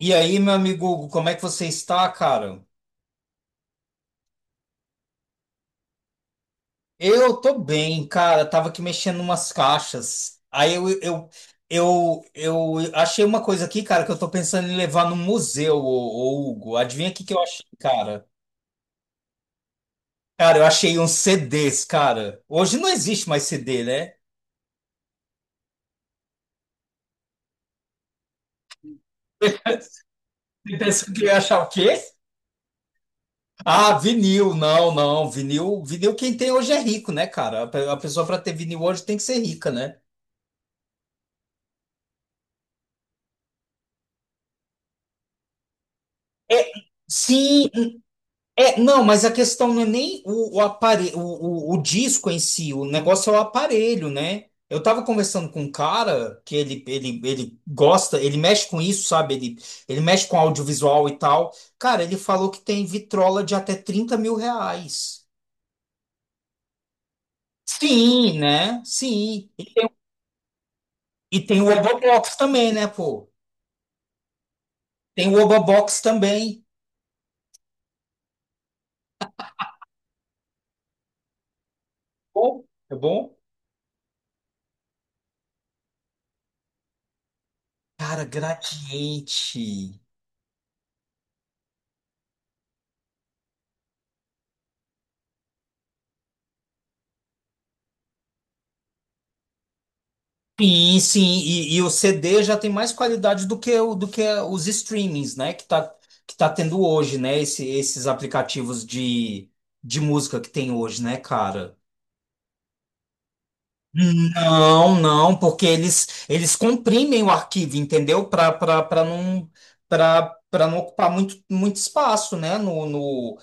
E aí, meu amigo Hugo, como é que você está, cara? Eu tô bem, cara. Tava aqui mexendo umas caixas. Aí eu achei uma coisa aqui, cara, que eu tô pensando em levar no museu, Hugo. Adivinha o que que eu achei, cara? Cara, eu achei uns CDs, cara. Hoje não existe mais CD, né? Você pensou que eu ia achar o quê? Ah, vinil, não, não. Vinil quem tem hoje é rico, né, cara? A pessoa pra ter vinil hoje tem que ser rica, né? É, sim. É, não, mas a questão não é nem o aparelho, o disco em si, o negócio é o aparelho, né? Eu tava conversando com um cara que ele gosta, ele mexe com isso, sabe? Ele mexe com audiovisual e tal. Cara, ele falou que tem vitrola de até 30.000 reais. Sim, né? Sim. E e tem o Obobox também, né, pô? Tem o Obobox também. Bom, é bom? Cara, gradiente. Sim, sim, e o CD já tem mais qualidade do que, do que os streamings, né? Que tá tendo hoje, né? Esses aplicativos de música que tem hoje, né, cara? Não, não, porque eles comprimem o arquivo, entendeu? Para não para não ocupar muito, muito espaço, né? No,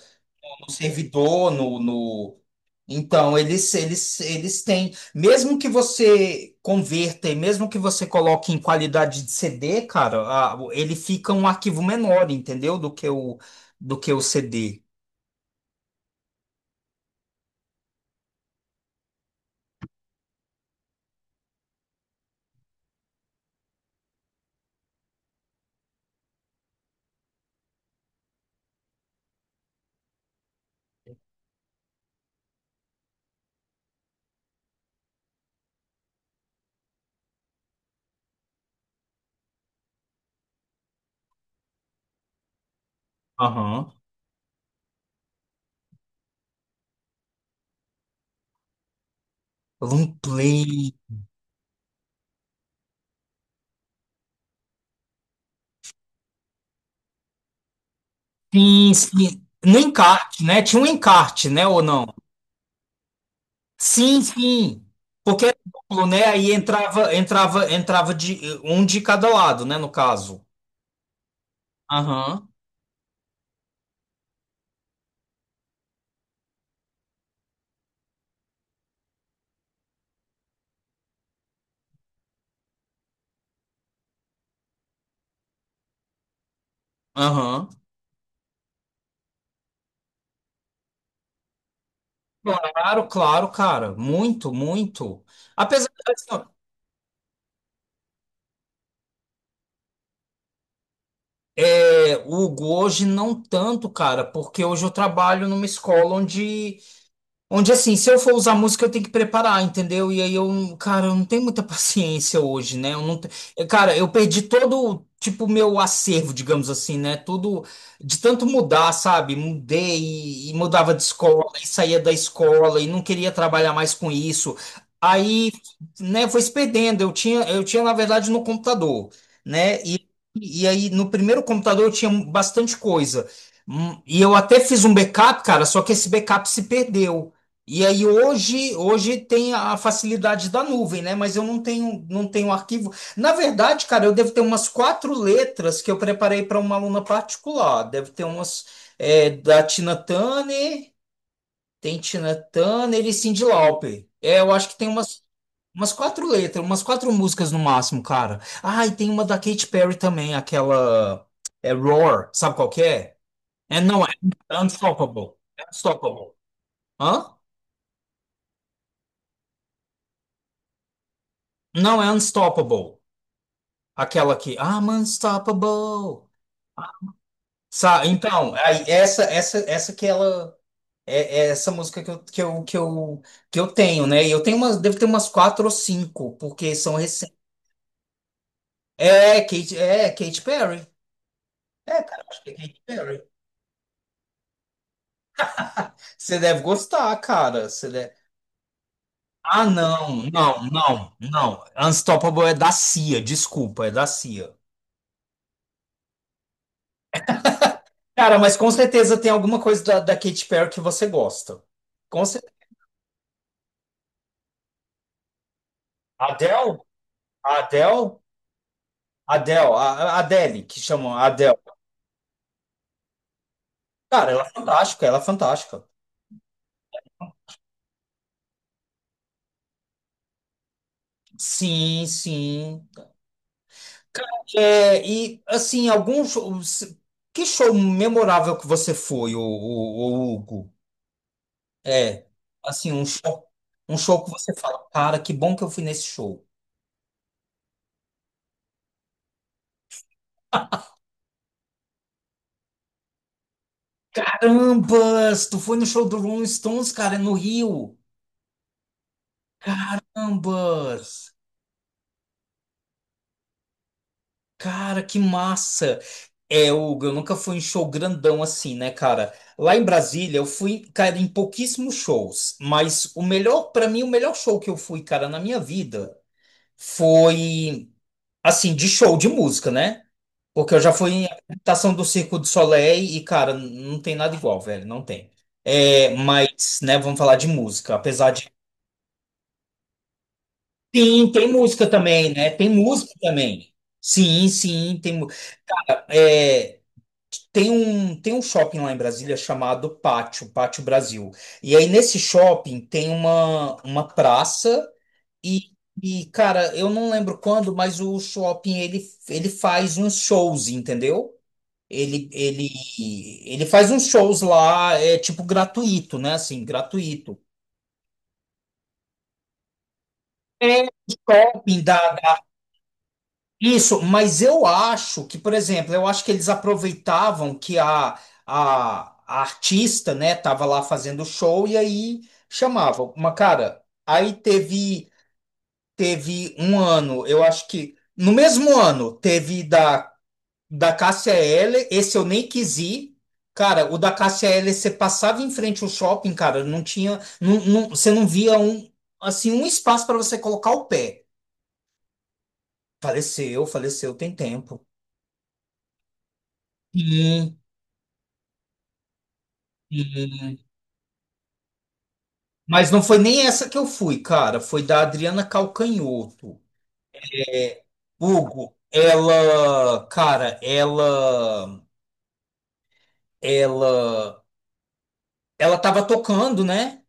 no servidor, no, no, então, eles têm, mesmo que você converta e mesmo que você coloque em qualidade de CD, cara, ele fica um arquivo menor, entendeu? Do que do que o CD. Aham. Play. Sim, sim. No encarte, né? Tinha um encarte, né? Ou não? Sim, sim. Porque era duplo, né? Aí entrava de um de cada lado, né? No caso. Aham, aham. Claro, claro, cara. Muito, muito. Apesar de, assim, ó, é, o Hugo hoje não tanto, cara, porque hoje eu trabalho numa escola onde... Onde assim, se eu for usar música, eu tenho que preparar, entendeu? E aí eu, cara, eu não tenho muita paciência hoje, né? Eu não, te- eu, cara, eu perdi todo, tipo, meu acervo, digamos assim, né? Tudo de tanto mudar, sabe? Mudei e mudava de escola, e saía da escola e não queria trabalhar mais com isso. Aí, né, foi se perdendo. Eu tinha, na verdade, no computador, né? E aí, no primeiro computador, eu tinha bastante coisa. Hum. E eu até fiz um backup, cara, só que esse backup se perdeu. E aí hoje, hoje tem a facilidade da nuvem, né? Mas eu não tenho, não tenho arquivo. Na verdade, cara, eu devo ter umas quatro letras que eu preparei para uma aluna particular. Deve ter umas, é, da Tina Turner, tem Tina Turner e Cyndi Lauper. É, eu acho que tem umas, umas quatro letras, umas quatro músicas no máximo, cara. Ah, e tem uma da Katy Perry também, aquela é Roar, sabe qual que é? É, não, é Unstoppable. É Unstoppable. Hã? Não, é Unstoppable. Aquela que I'm unstoppable. Sa então, aí essa que ela é, é essa música que eu tenho, né? E eu tenho umas, devo ter umas quatro ou cinco, porque são recentes. É, Kate, é Katy Perry. É, cara, acho que é Katy Perry. Você deve gostar, cara. Você deve... Ah, não. Unstoppable é da Cia, desculpa, é da Cia. Cara, mas com certeza tem alguma coisa da Katy Perry que você gosta. Com certeza. Adele? Adele? Adele, a Adele, que chamam a Adele. Cara, ela é fantástica, ela é fantástica. Sim, sim. É, e assim, algum show, que show memorável que você foi, o, Hugo? É, assim, um show que você fala, cara, que bom que eu fui nesse show. Carambas, tu foi no show do Rolling Stones, cara, é no Rio. Carambas. Cara, que massa! É, Hugo, eu nunca fui em show grandão assim, né, cara? Lá em Brasília, eu fui, cara, em pouquíssimos shows, mas o melhor, pra mim, o melhor show que eu fui, cara, na minha vida foi, assim, de show de música, né? Porque eu já fui em apresentação do Circo do Soleil e, cara, não tem nada igual, velho, não tem. É, mas, né, vamos falar de música, apesar de. Sim, tem música também, né? Tem música também. Sim, sim, tem. Mu-. É. Tem um shopping lá em Brasília chamado Pátio, Pátio Brasil. E aí nesse shopping tem uma praça e, e, cara, eu não lembro quando, mas o shopping ele faz uns shows, entendeu? Ele, ele, ele faz uns shows lá, é tipo gratuito, né? Assim, gratuito. É, shopping dá. Isso, mas eu acho que, por exemplo, eu acho que eles aproveitavam que a artista, né, tava lá fazendo show e aí chamavam. Mas, cara, aí teve, teve um ano, eu acho que no mesmo ano teve da Cássia Eller, esse eu nem quis ir. Cara, o da Cássia Eller, você passava em frente ao shopping, cara, não tinha, você não via um, assim, um espaço para você colocar o pé. Faleceu, faleceu, tem tempo. E-. Mas não foi nem essa que eu fui, cara. Foi da Adriana Calcanhoto. É, Hugo, ela, cara, ela, ela tava tocando, né?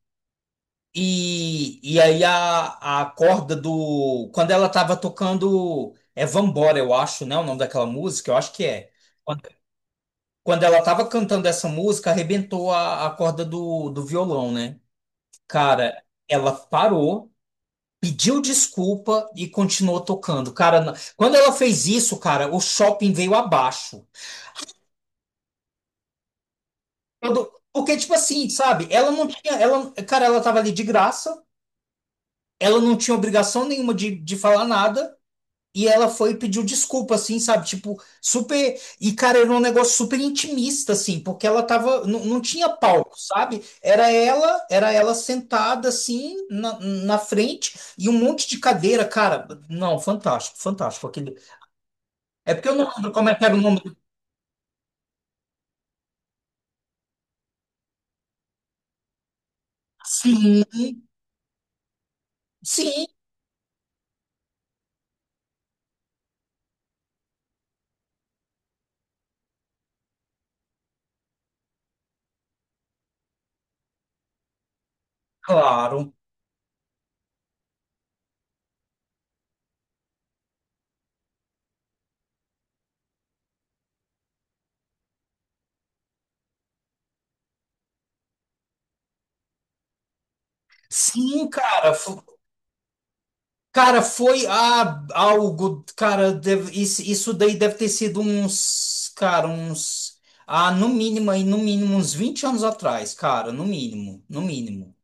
E aí a corda do, quando ela tava tocando, é Vambora, eu acho, né? O nome daquela música, eu acho que é. Quando, quando ela tava cantando essa música, arrebentou a corda do, do violão, né? Cara, ela parou, pediu desculpa e continuou tocando. Cara, na- quando ela fez isso, cara, o shopping veio abaixo. Todo- porque, tipo assim, sabe? Ela não tinha. Ela, cara, ela tava ali de graça, ela não tinha obrigação nenhuma de falar nada. E ela foi e pediu desculpa, assim, sabe? Tipo, super. E, cara, era um negócio super intimista, assim, porque ela tava. Não, não tinha palco, sabe? Era ela sentada, assim, na, na frente, e um monte de cadeira, cara. Não, fantástico, fantástico. Aquele... É porque eu não lembro como é que era o nome. Do-. Sim, sim, claro. Sim, cara. Fo-. Cara, foi a, algo. Cara, deve- isso daí deve ter sido uns. Cara, uns. Ah, no mínimo, aí, no mínimo, uns 20 anos atrás, cara, no mínimo, no mínimo.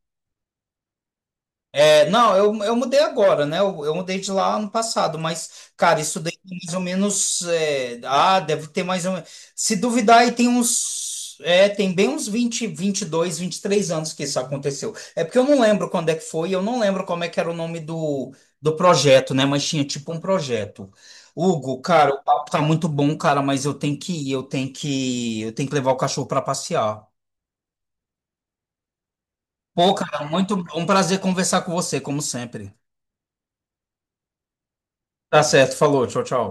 É, não, eu mudei agora, né? Eu mudei de lá ano passado, mas, cara, isso daí tem mais ou menos. É, ah, deve ter mais ou menos. Se duvidar, aí tem uns. É, tem bem uns 20, 22, 23 anos que isso aconteceu. É porque eu não lembro quando é que foi, eu não lembro como é que era o nome do, do projeto, né? Mas tinha tipo um projeto. Hugo, cara, o papo tá muito bom, cara, mas eu tenho que ir, eu tenho que levar o cachorro pra passear. Pô, cara, muito um prazer conversar com você, como sempre. Tá certo, falou, tchau, tchau.